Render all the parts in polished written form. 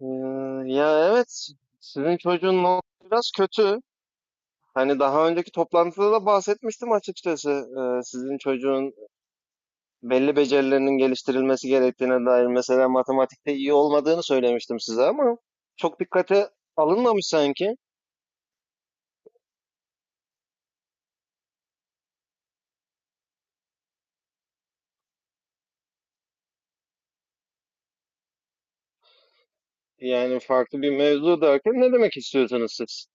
Ee, evet sizin çocuğun not biraz kötü. Hani daha önceki toplantıda da bahsetmiştim açıkçası. Sizin çocuğun belli becerilerinin geliştirilmesi gerektiğine dair mesela matematikte iyi olmadığını söylemiştim size ama çok dikkate alınmamış sanki. Yani farklı bir mevzu derken ne demek istiyorsunuz siz?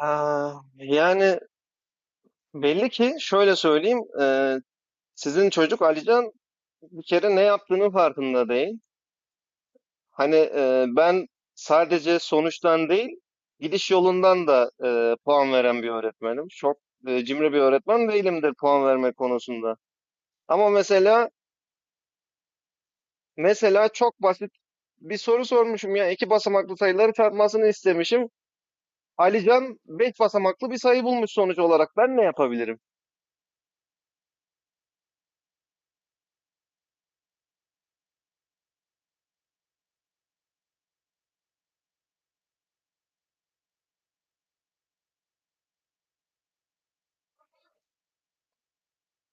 Aa, yani belli ki şöyle söyleyeyim. Sizin çocuk Alican bir kere ne yaptığının farkında değil. Hani ben sadece sonuçtan değil, gidiş yolundan da puan veren bir öğretmenim. Çok cimri bir öğretmen değilimdir puan verme konusunda. Ama mesela çok basit bir soru sormuşum ya iki basamaklı sayıları çarpmasını istemişim. Alican beş basamaklı bir sayı bulmuş sonuç olarak. Ben ne yapabilirim?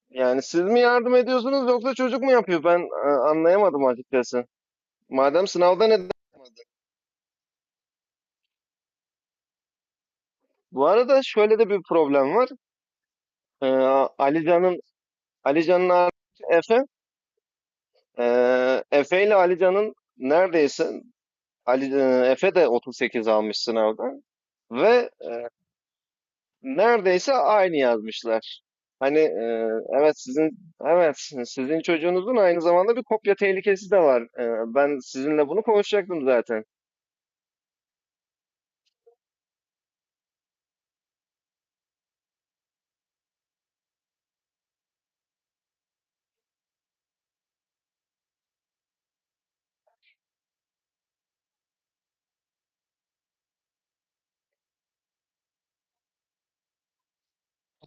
Yani siz mi yardım ediyorsunuz yoksa çocuk mu yapıyor? Ben anlayamadım açıkçası. Madem sınavda neden? Bu arada şöyle de bir problem var. Ee, Ali Alican'ın abisi Efe. Efe ile Alican'ın neredeyse Efe de 38 almış sınavda ve neredeyse aynı yazmışlar. Hani evet, evet sizin çocuğunuzun aynı zamanda bir kopya tehlikesi de var. E, ben sizinle bunu konuşacaktım zaten.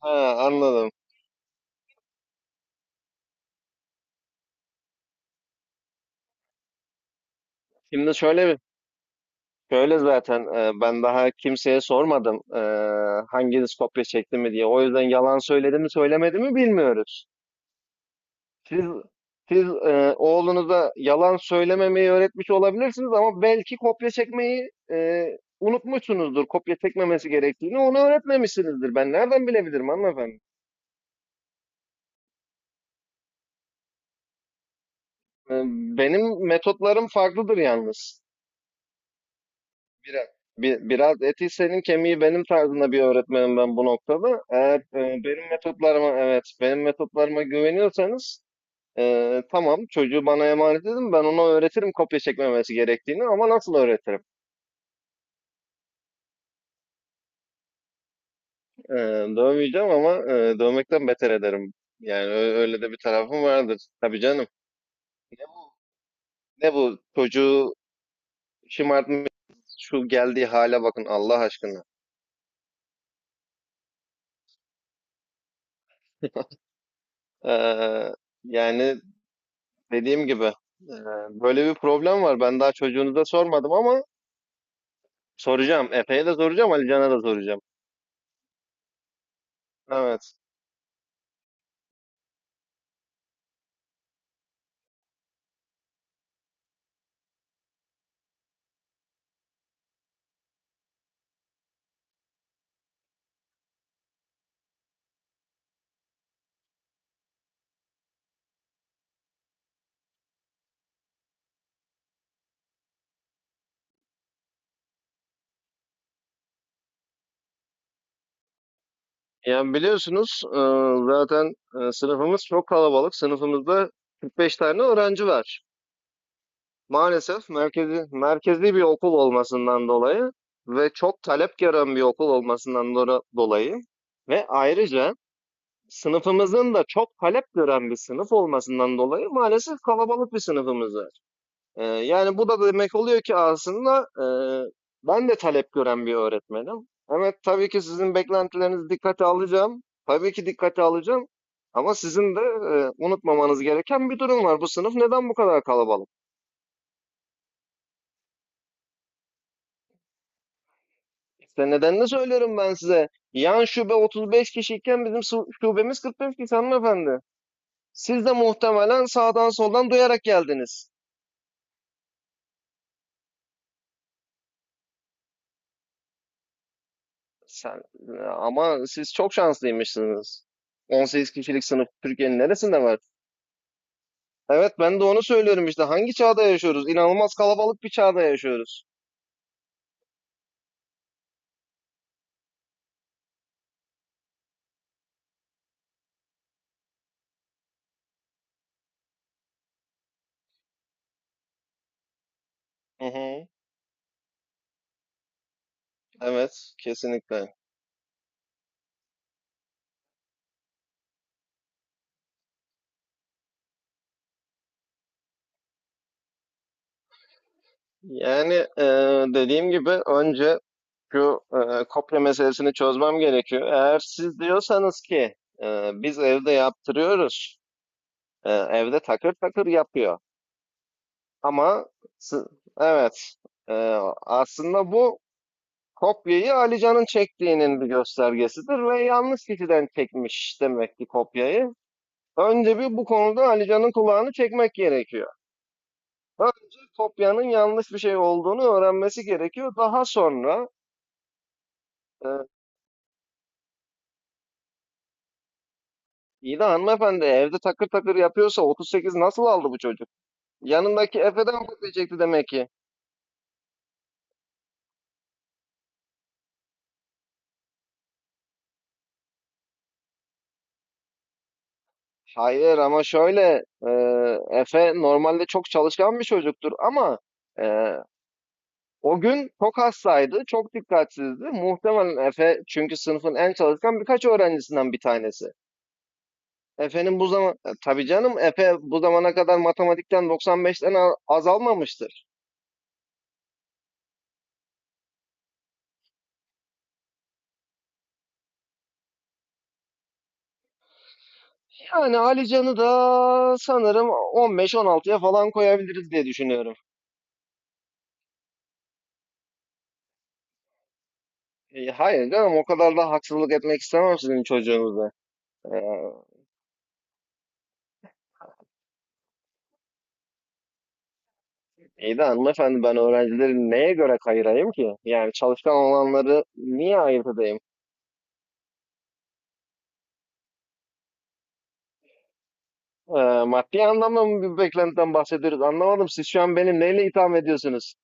Ha, anladım. Şimdi şöyle zaten ben daha kimseye sormadım hanginiz kopya çekti mi diye. O yüzden yalan söyledi mi söylemedi mi bilmiyoruz. Siz siz oğlunuza yalan söylememeyi öğretmiş olabilirsiniz ama belki kopya çekmeyi unutmuşsunuzdur. Kopya çekmemesi gerektiğini onu öğretmemişsinizdir. Ben nereden bilebilirim hanımefendi? E, benim metotlarım farklıdır yalnız. Biraz, Biraz eti senin kemiği benim tarzında bir öğretmenim ben bu noktada. Eğer benim metotlarıma evet benim metotlarıma güveniyorsanız tamam çocuğu bana emanet edin ben ona öğretirim kopya çekmemesi gerektiğini ama nasıl öğretirim? Ee, Dövmeyeceğim ama dövmekten beter ederim. Yani öyle de bir tarafım vardır. Tabii canım. Ne bu çocuğu şımartmış şu geldiği hale bakın Allah aşkına. Ee, Yani dediğim gibi böyle bir problem var. Ben daha çocuğunuza sormadım ama soracağım. Efe'ye de soracağım, Ali Can'a da soracağım. Evet. Yani biliyorsunuz zaten sınıfımız çok kalabalık. Sınıfımızda 45 tane öğrenci var. Maalesef merkezi bir okul olmasından dolayı ve çok talep gören bir okul olmasından dolayı ve ayrıca sınıfımızın da çok talep gören bir sınıf olmasından dolayı maalesef kalabalık bir sınıfımız var. Yani bu da demek oluyor ki aslında ben de talep gören bir öğretmenim. Evet, tabii ki sizin beklentilerinizi dikkate alacağım. Tabii ki dikkate alacağım. Ama sizin de unutmamanız gereken bir durum var. Bu sınıf neden bu kadar kalabalık? İşte nedenini söylüyorum ben size. Yan şube 35 kişiyken bizim şubemiz 45 kişi hanımefendi. Siz de muhtemelen sağdan soldan duyarak geldiniz. Sen, Ama siz çok şanslıymışsınız. 18 kişilik sınıf Türkiye'nin neresinde var? Evet, ben de onu söylüyorum işte. Hangi çağda yaşıyoruz? İnanılmaz kalabalık bir çağda yaşıyoruz. Hı hı. Evet, kesinlikle. Yani dediğim gibi önce şu kopya meselesini çözmem gerekiyor. Eğer siz diyorsanız ki biz evde yaptırıyoruz, evde takır takır yapıyor. Ama si- evet e, aslında bu kopyayı Ali Can'ın çektiğinin bir göstergesidir ve yanlış kişiden çekmiş demek ki kopyayı. Önce bir bu konuda Ali Can'ın kulağını çekmek gerekiyor. Önce kopyanın yanlış bir şey olduğunu öğrenmesi gerekiyor. Daha sonra e, İyi de hanımefendi evde takır takır yapıyorsa 38 nasıl aldı bu çocuk? Yanındaki Efe'den kopyacaktı demek ki. Hayır ama şöyle e, Efe normalde çok çalışkan bir çocuktur ama e, o gün çok hastaydı, çok dikkatsizdi. Muhtemelen Efe, çünkü sınıfın en çalışkan birkaç öğrencisinden bir tanesi. Efe'nin bu zaman e, Tabii canım, Efe bu zamana kadar matematikten 95'ten az almamıştır. Yani Ali Can'ı da sanırım 15-16'ya falan koyabiliriz diye düşünüyorum. E, hayır canım o kadar da haksızlık etmek istemem sizin çocuğunuza. Ee, iyi de hanımefendi ben öğrencileri neye göre ayırayım ki? Yani çalışkan olanları niye ayırt edeyim? Maddi anlamda mı bir beklentiden bahsediyoruz? Anlamadım, siz şu an beni neyle itham ediyorsunuz?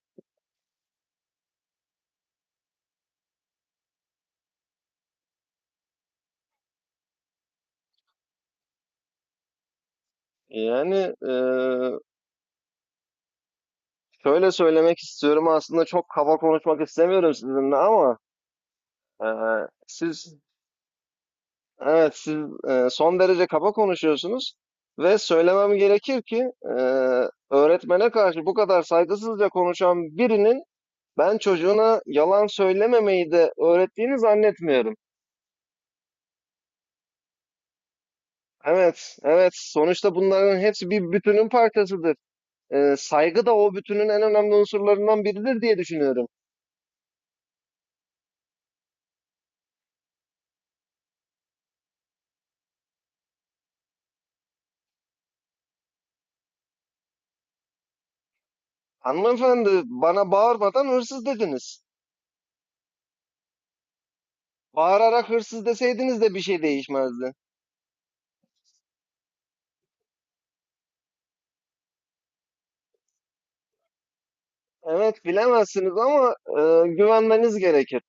Yani e, şöyle söylemek istiyorum, aslında çok kaba konuşmak istemiyorum sizinle ama e, siz Evet, siz e, son derece kaba konuşuyorsunuz ve söylemem gerekir ki e, öğretmene karşı bu kadar saygısızca konuşan birinin ben çocuğuna yalan söylememeyi de öğrettiğini zannetmiyorum. Evet, evet. Sonuçta bunların hepsi bir bütünün parçasıdır. E, saygı da o bütünün en önemli unsurlarından biridir diye düşünüyorum. Hanımefendi, bana bağırmadan hırsız dediniz. Bağırarak hırsız deseydiniz de bir şey değişmezdi. Evet, bilemezsiniz ama güvenmeniz gerekir.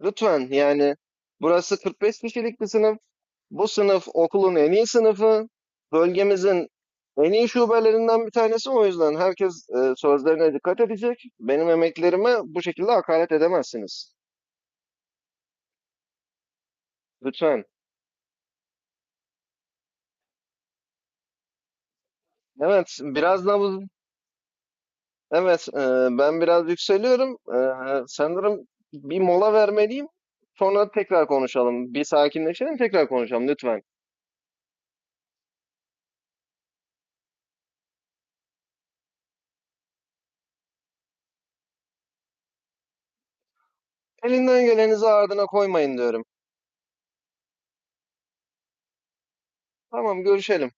Lütfen yani burası 45 kişilik bir sınıf. Bu sınıf okulun en iyi sınıfı. Bölgemizin en iyi şubelerinden bir tanesi. O yüzden herkes sözlerine dikkat edecek. Benim emeklerime bu şekilde hakaret edemezsiniz. Lütfen. Evet, biraz nabız. Evet, ben biraz yükseliyorum. Sanırım bir mola vermeliyim. Sonra tekrar konuşalım. Bir sakinleşelim, tekrar konuşalım lütfen. Elinden gelenizi ardına koymayın diyorum. Tamam, görüşelim.